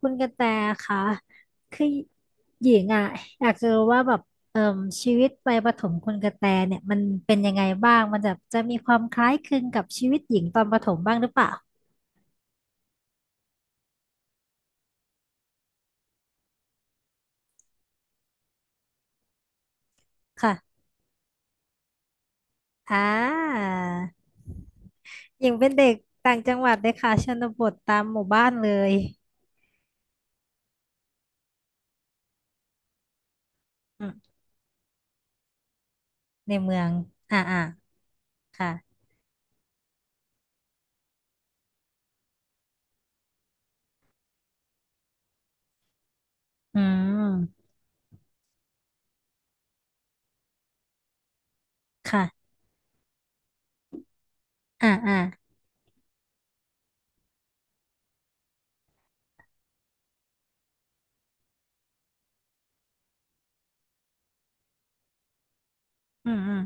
คุณกระแตคะคือหญิงอ่ะอยากจะรู้ว่าแบบเอ่มชีวิตวัยประถมคุณกระแตเนี่ยมันเป็นยังไงบ้างมันจะมีความคล้ายคลึงกับชีวิตหญิงตอนประถมบ้างหรือเปล่าค่ะอ่าหญิงเป็นเด็กต่างจังหวัดเลยค่ะชนบทตามหมู่บ้านเลยอืมในเมืองอ่าอ่าค่ะอืมค่ะอ่าอ่าอืมอืม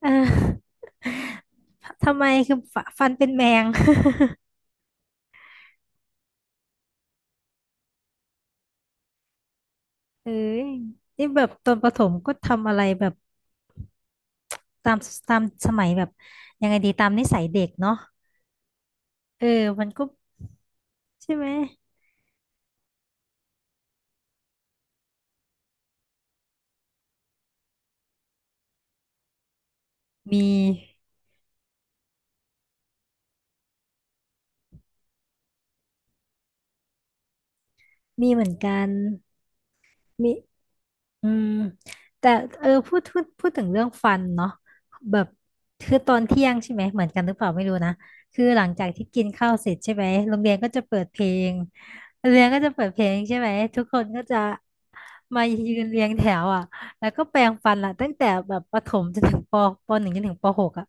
เออ ทำไมคือฟันเป็นแมง เอ้ยนี่แบบตอนประถมก็ทำอะไรแบบตามตามสมัยแบบยังไงดีตามนิสัยเด็กเนาะเออ มันก็ใช่ไหม มี มีเหมือนกันมี อืมแต่เออพูดถึงเรื่องฟันเนาะแบบคือตอนเที่ยงใช่ไหมเหมือนกันหรือเปล่าไม่รู้นะคือหลังจากที่กินข้าวเสร็จใช่ไหมโรงเรียนก็จะเปิดเพลงโรงเรียนก็จะเปิดเพลงใช่ไหมทุกคนก็จะมายืนเรียงแถวอ่ะแล้วก็แปรงฟันล่ะตั้งแต่แบบประถมจนถึงปหนึ่งจนถึงปหกอ่ะ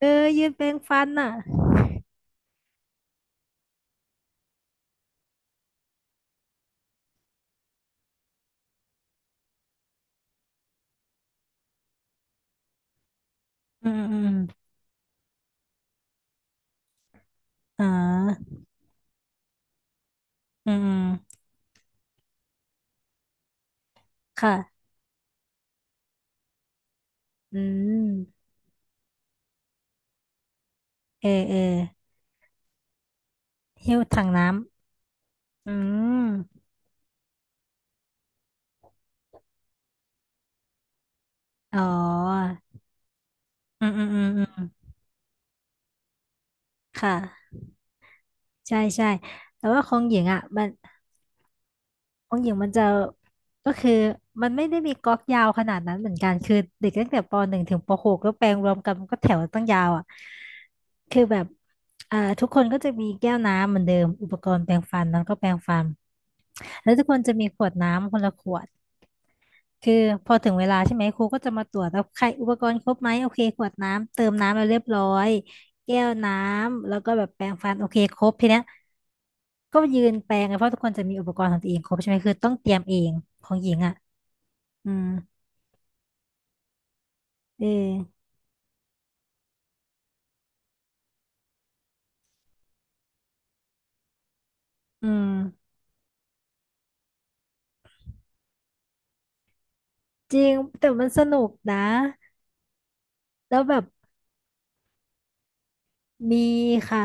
เออยืนแปรงฟันอ่ะอืมอืมอ่าอืมอืมค่ะอืมเออเออหิ้วถังน้ำอืมอ๋อ อืมอืมอืมอืมค่ะใช่ใช่แต่ว่าของหญิงอ่ะมันของหญิงมันจะก็คือมันไม่ได้มีก๊อกยาวขนาดนั้นเหมือนกันคือเด็กตั้งแต่ปหนึ่งถึงปหกก็แปลงรวมกันมันก็แถวตั้งยาวอ่ะคือแบบอ่าทุกคนก็จะมีแก้วน้ำเหมือนเดิมอุปกรณ์แปรงฟันแล้วก็แปรงฟันแล้วทุกคนจะมีขวดน้ำคนละขวด คือพอถึงเวลาใช่ไหมครูก็จะมาตรวจแล้วใครอุปกรณ์ครบไหมโอเคขวดน้ำเติมน้ำแล้วเรียบร้อยแก้วน้ำแล้วก็แบบแปรงฟันโอเคครบทีเนี้ยก็ยืนแปรงกันเพราะทุกคนจะมีอุปกรณ์ของตัวเองครบใช่ไหมคือต้องเตรียมเองของหญิงอ่ะอืมเอออืมจริงแต่มันสนุกนะแล้วแบบมีค่ะ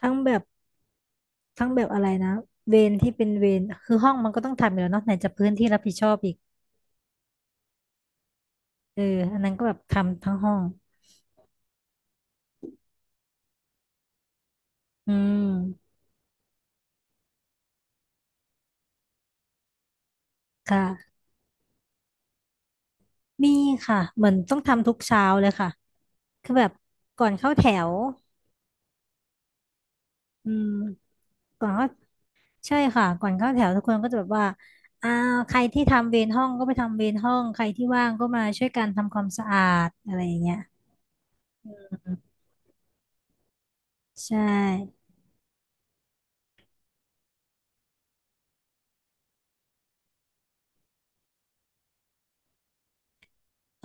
ทั้งแบบอะไรนะเวรที่เป็นเวรคือห้องมันก็ต้องทำอยู่แล้วเนาะไหนจะพื้นที่รับผิดชอบอีกเอออันนั้นก็แบบทำทั้งห้องอืมค่ะ มีค่ะเหมือนต้องทำทุกเช้าเลยค่ะคือแบบก่อนเข้าแถวอืมก่อนเข้าใช่ค่ะ ก่อนเข้าแถวทุกคนก็จะแบบว่าอ่าใครที่ทำเวรห้องก็ไปทำเวรห้องใครที่ว่างก็มาช่วยกันทำความสะอาดอะไรอย่างเงี้ยอืมใช่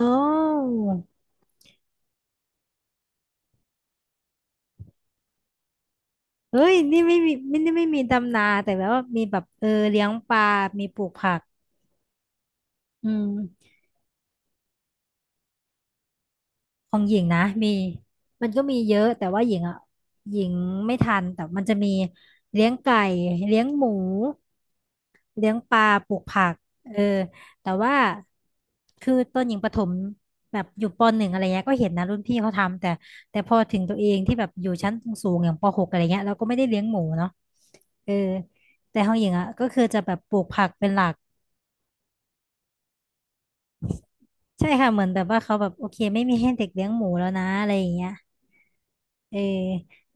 โอ้เฮ้ยนี่ไม่มีไม่มีดำนาแต่แบบว่ามีแบบเออเลี้ยงปลามีปลูกผักอืม ของหญิงนะมีมันก็มีเยอะแต่ว่าหญิงอ่ะหญิงไม่ทันแต่มันจะมีเลี้ยงไก่เลี้ยงหมูเลี้ยงปลาปลูกผักเออแต่ว่าคือตอนหญิงประถมแบบอยู่ปหนึ่งอะไรเงี้ยก็เห็นนะรุ่นพี่เขาทำแต่พอถึงตัวเองที่แบบอยู่ชั้นสูงๆอย่างปหกอะไรเงี้ยเราก็ไม่ได้เลี้ยงหมูเนาะเออแต่ของหญิงอ่ะก็คือจะแบบปลูกผักเป็นหลัก ใช่ค่ะเหมือนแบบว่าเขาแบบโอเคไม่มีให้เด็กเลี้ยงหมูแล้วนะอะไรอย่างเงี้ยเออ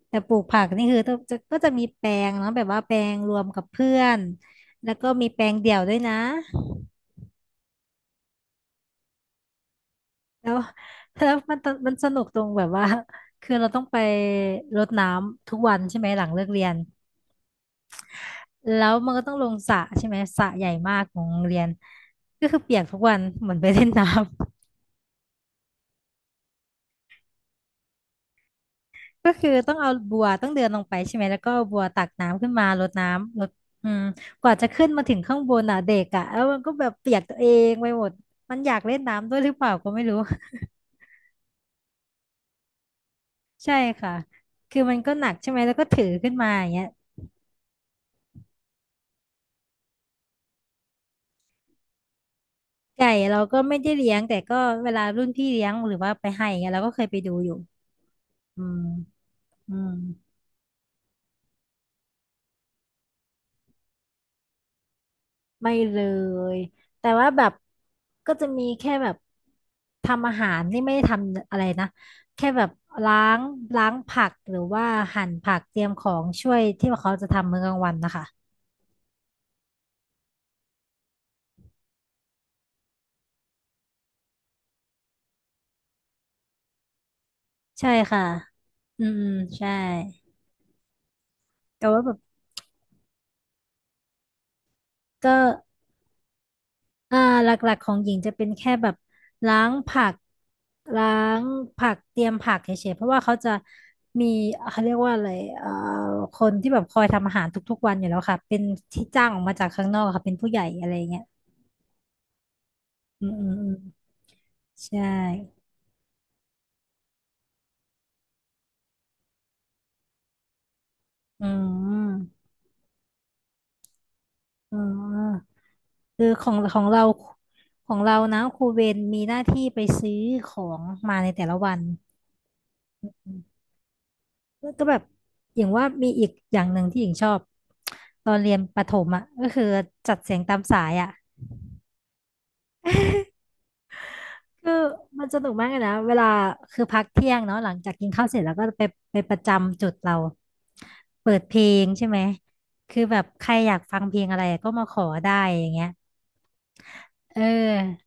แต่ปลูกผักนี่คือต้องจะก็จะมีแปลงเนาะแบบว่าแปลงรวมกับเพื่อนแล้วก็มีแปลงเดี่ยวด้วยนะแล้วมันสนุกตรงแบบว่าคือเราต้องไปรดน้ำทุกวันใช่ไหมหลังเลิกเรียนแล้วมันก็ต้องลงสระใช่ไหมสระใหญ่มากของโรงเรียนก็คือเปียกทุกวันเหมือนไปเล่นน้ำ ก็คือต้องเอาบัวต้องเดินลงไปใช่ไหมแล้วก็เอาบัวตักน้ำขึ้นมารดน้ำรดอืมกว่าจะขึ้นมาถึงข้างบนอ่ะเด็กอ่ะแล้วมันก็แบบเปียกตัวเองไปหมดมันอยากเล่นน้ำด้วยหรือเปล่าก็ไม่รู้ ใช่ค่ะคือมันก็หนักใช่ไหมแล้วก็ถือขึ้นมาอย่างเงี้ยไก่เราก็ไม่ได้เลี้ยงแต่ก็เวลารุ่นพี่เลี้ยงหรือว่าไปให้อย่างเงี้ยเราก็เคยไปดูอยู่อืมอืม ไม่เลยแต่ว่าแบบก็จะมีแค่แบบทำอาหารนี่ไม่ได้ทำอะไรนะแค่แบบล้างล้างผักหรือว่าหั่นผักเตรียมของช่วยที่เขาจะทำมื้อกลางวันนะคะใช่ค่ะอืมอืมใช่แต่ว่าแบบก็ อ่าหลักๆของหญิงจะเป็นแค่แบบล้างผักล้างเตรียมผักเฉยๆเพราะว่าเขาจะมีเขาเรียกว่าอะไรเอ่อคนที่แบบคอยทำอาหารทุกๆวันอยู่แล้วค่ะเป็นที่จ้างออกมาจากข้างนอกค่ะเป็นผู้ใหญ่อะไรเงี้ยอืมอืมอืมใช่อืมอืมคือของเราของเรานะครูเวรมีหน้าที่ไปซื้อของมาในแต่ละวัน แล้วก็แบบอย่างว่ามีอีกอย่างหนึ่งที่หญิงชอบตอนเรียนประถมอ่ะก็คือจัดเสียงตามสายอ่ะคือมันสนุกมากเลยนะเวลาคือพักเที่ยงเนาะหลังจากกินข้าวเสร็จแล้วก็ไปไปประจำจุดเราเปิดเพลงใช่ไหมคือแบบใครอยากฟังเพลงอะไรก็มาขอได้อย่างเงี้ยเออ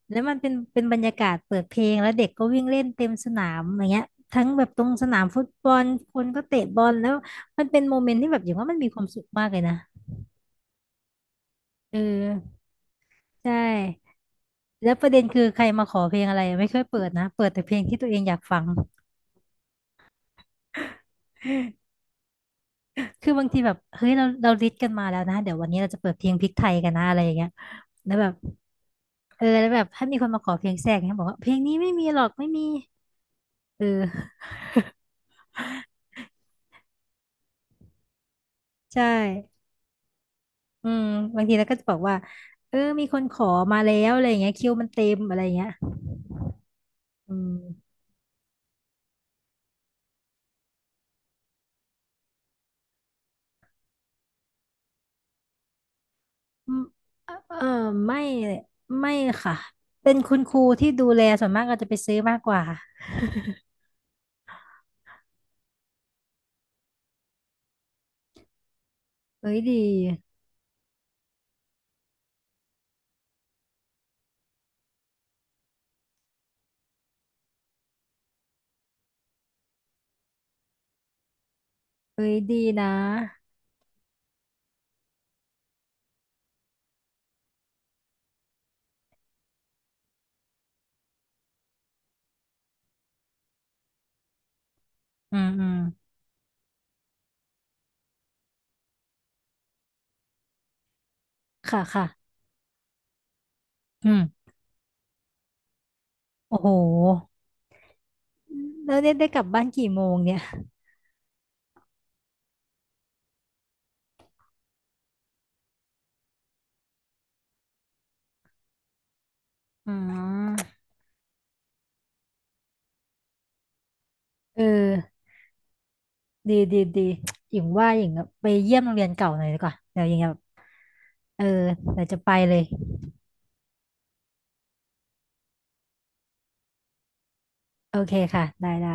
แล้วมันเป็นบรรยากาศเปิดเพลงแล้วเด็กก็วิ่งเล่นเต็มสนามอย่างเงี้ยทั้งแบบตรงสนามฟุตบอลคนก็เตะบอลแล้วมันเป็นโมเมนต์ที่แบบอย่างว่ามันมีความสุขมากเลยนะเออ ใช่แล้วประเด็นคือใครมาขอเพลงอะไรไม่ค่อยเปิดนะเปิดแต่เพลงที่ตัวเองอยากฟังคือบางทีแบบเฮ้ยเราลิสต์กันมาแล้วนะเดี๋ยววันนี้เราจะเปิดเพลงพริกไทยกันนะอะไรอย่างเงี้ยแล้วแบบเออแล้วแบบถ้ามีคนมาขอเพลงแทรกเนี่ยบอกว่าเพลงนี้ไม่มีหรอกไม่มีเออใช่อืมบางทีเราก็จะบอกว่าเออมีคนขอมาแล้วอะไรอย่างเงี้ยคิวมันเต็มอะไรอย่างเงี้ยอืมอืมเออไม่ไม่ค่ะเป็นคุณครูที่ดูแลส่วนมากก็จะไปซื้อมากกว่าเอ้ยดี เอ้ยดีนะอืมอืมค่ะค่ะอืมโอ้โหแล้วเนี่ยได้กลับบ้านกี่โมงเนี่ยอืมเออดีดีดีหญิงว่าหญิงอะไปเยี่ยมโรงเรียนเก่าหน่อยดีกว่าเดี๋ยวหญิงแบบเออเดี๋ยวจะไปเลยโอเคค่ะได้ได้